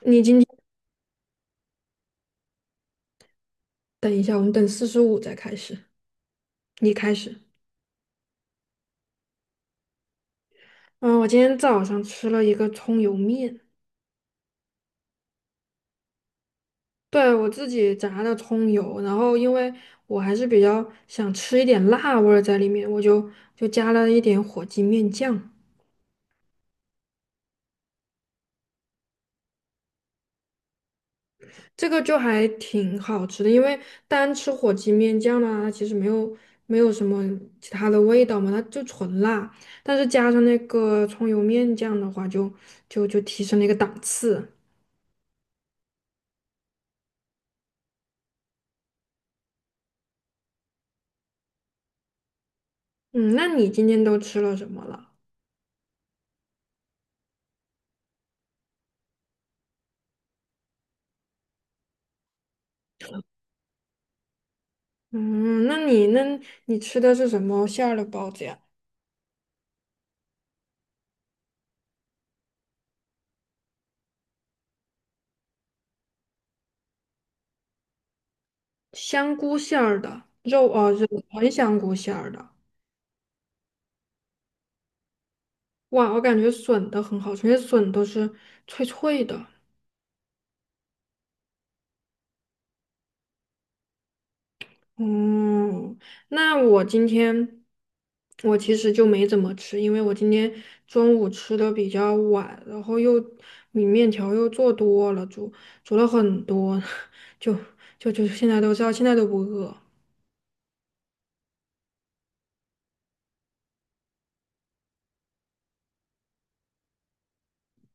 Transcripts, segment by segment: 你今天等一下，我们等45再开始。你开始。嗯，我今天早上吃了一个葱油面，对，我自己炸的葱油，然后因为我还是比较想吃一点辣味儿在里面，我就加了一点火鸡面酱，这个就还挺好吃的。因为单吃火鸡面酱呢，它其实没有什么其他的味道嘛，它就纯辣，但是加上那个葱油面酱的话就提升了一个档次。嗯，那你今天都吃了什么了？嗯，那你那你吃的是什么馅儿的包子呀？香菇馅儿的，肉呃肉纯香菇馅儿的。哇，我感觉笋的很好吃，因为笋都是脆脆的。嗯，那我今天我其实就没怎么吃，因为我今天中午吃的比较晚，然后又米面条又做多了，煮了很多，就就就现在都知道，现在都不饿。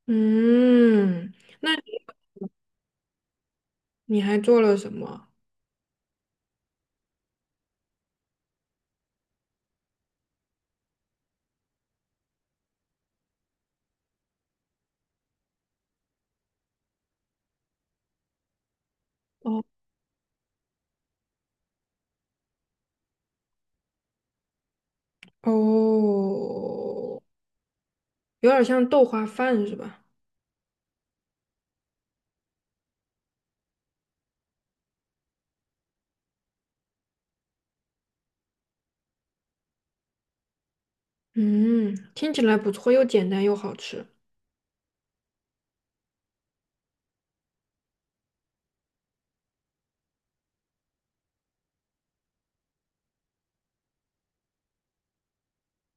嗯，那你还做了什么？哦哦，有点像豆花饭是吧？嗯，听起来不错，又简单又好吃。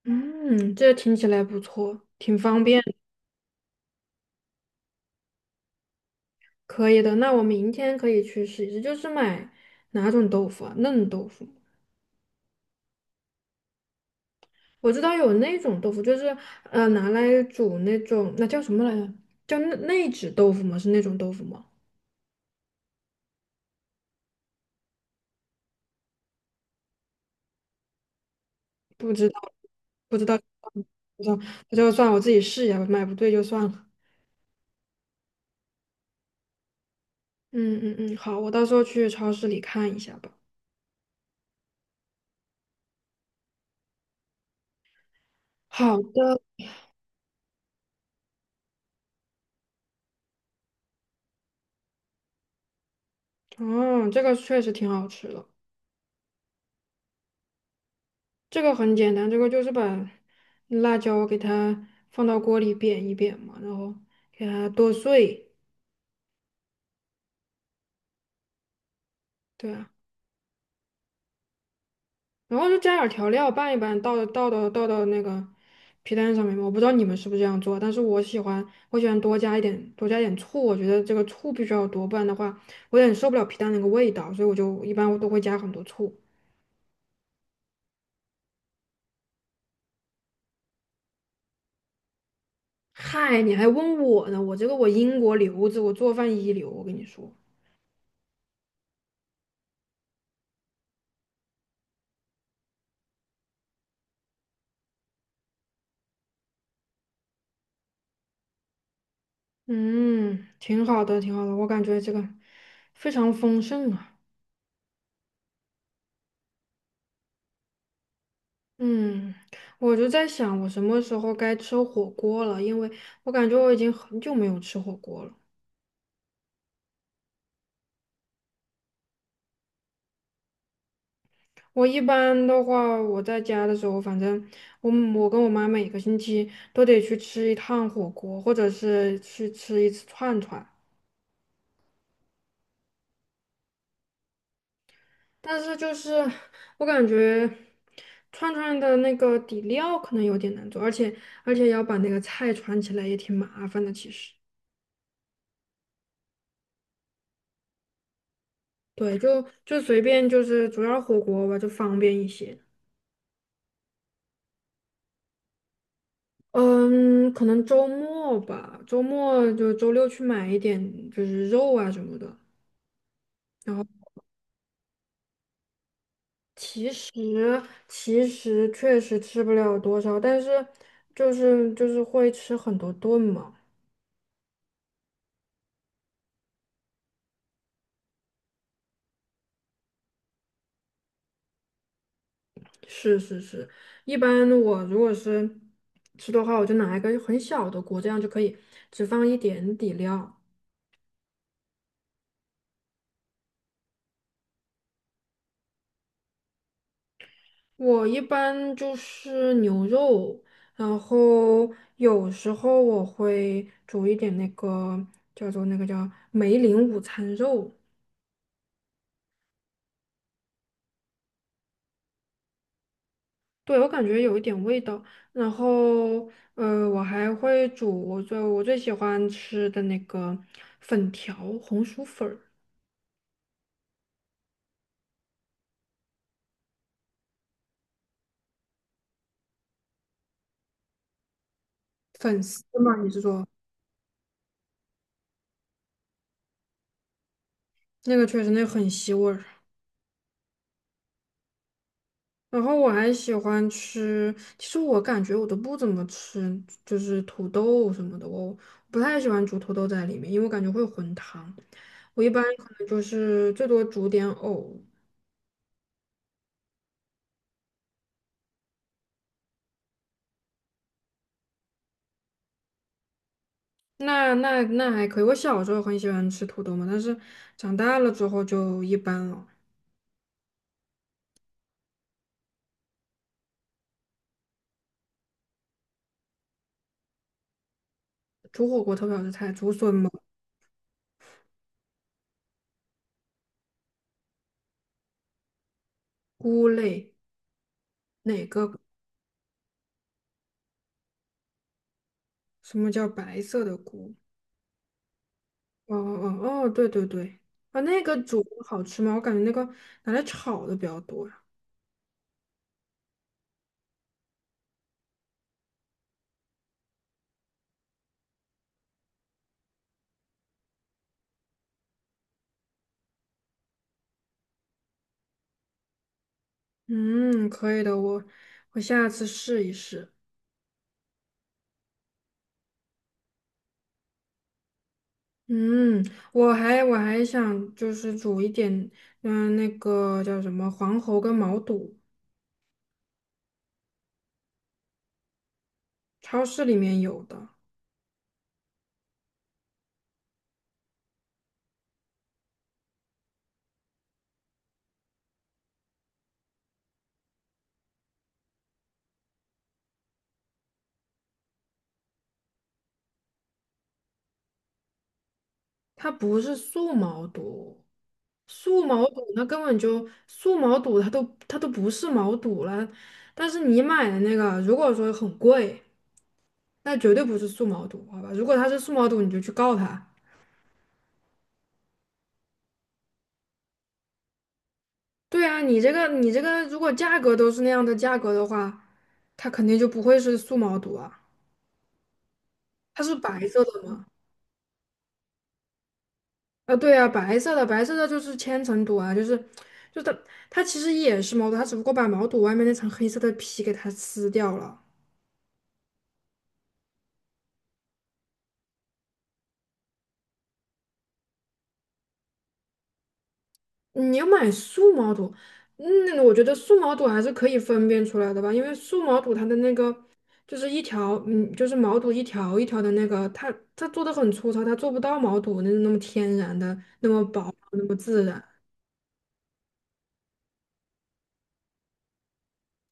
嗯，这听起来不错，挺方便的可以的。那我明天可以去试一试，就是买哪种豆腐啊？嫩豆腐。我知道有那种豆腐，就是拿来煮那种，那叫什么来着？叫内酯豆腐吗？是那种豆腐吗？不知道不知道，不知道，那就算我自己试一下吧，买不对就算了。嗯嗯嗯，好，我到时候去超市里看一下吧。好的，哦，这个确实挺好吃的。这个很简单，这个就是把辣椒给它放到锅里煸一煸嘛，然后给它剁碎。对啊。然后就加点儿调料拌一拌，倒到那个皮蛋上面嘛。我不知道你们是不是这样做，但是我喜欢多加一点醋，我觉得这个醋必须要多，不然的话我有点受不了皮蛋那个味道，所以我一般都会加很多醋。嗨，你还问我呢？我这个我英国留子，我做饭一流，我跟你说，嗯，挺好的，挺好的，我感觉这个非常丰盛啊。嗯，我就在想，我什么时候该吃火锅了？因为我感觉我已经很久没有吃火锅了。我一般的话，我在家的时候，反正我跟我妈每个星期都得去吃一趟火锅，或者是去吃一次串串。但是就是我感觉串串的那个底料可能有点难做，而且要把那个菜串起来也挺麻烦的。其实，对，就随便就是主要火锅吧，就方便一些。嗯，可能周末吧，周末就周六去买一点就是肉啊什么的。然后。其实其实确实吃不了多少，但是就是会吃很多顿嘛。是是是，一般我如果是吃的话，我就拿一个很小的锅，这样就可以只放一点底料。我一般就是牛肉，然后有时候我会煮一点那个叫梅林午餐肉。对，我感觉有一点味道。然后，我还会煮我最喜欢吃的那个粉条，红薯粉儿，粉丝嘛，你是说那个确实那个很吸味儿。然后我还喜欢吃，其实我感觉我都不怎么吃，就是土豆什么的，我不太喜欢煮土豆在里面，因为我感觉会有混汤。我一般可能就是最多煮点藕，那还可以。我小时候很喜欢吃土豆嘛，但是长大了之后就一般了。煮火锅特别好吃菜，竹笋蘑菇类，哪个？什么叫白色的菇？哦哦哦哦，对对对，啊，那个煮好吃吗？我感觉那个拿来炒的比较多呀。嗯，可以的，我下次试一试。嗯，我还想就是煮一点，嗯，那个叫什么黄喉跟毛肚，超市里面有的。它不是素毛肚，素毛肚那根本就素毛肚，它都不是毛肚了。但是你买的那个，如果说很贵，那绝对不是素毛肚，好吧？如果它是素毛肚，你就去告他。对啊，你这个，如果价格都是那样的价格的话，它肯定就不会是素毛肚啊。它是白色的吗？啊，对啊，白色的，白色的就是千层肚啊，就是就它它其实也是毛肚，它只不过把毛肚外面那层黑色的皮给它撕掉了。你要买素毛肚，嗯，我觉得素毛肚还是可以分辨出来的吧，因为素毛肚它的那个就是一条，嗯，就是毛肚一条一条的那个，它它做的很粗糙，它做不到毛肚那那么天然的那么薄那么自然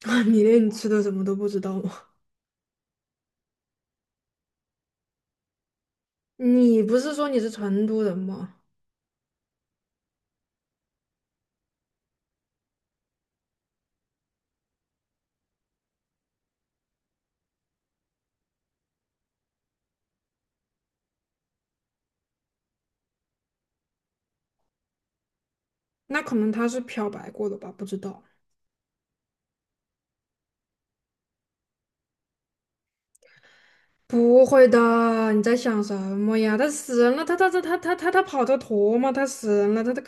啊。你连你吃的什么都不知道吗？你不是说你是成都人吗？那可能他是漂白过的吧，不知道。不会的，你在想什么呀？他死人了，他跑得脱吗？他死人了，他他。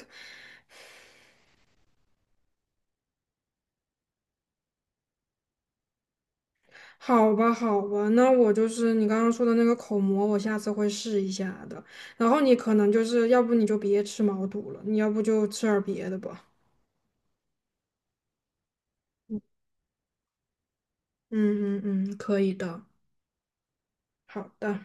好吧，好吧，那我就是你刚刚说的那个口蘑，我下次会试一下的。然后你可能就是要不你就别吃毛肚了，你要不就吃点儿别的吧。嗯嗯嗯，可以的，好的。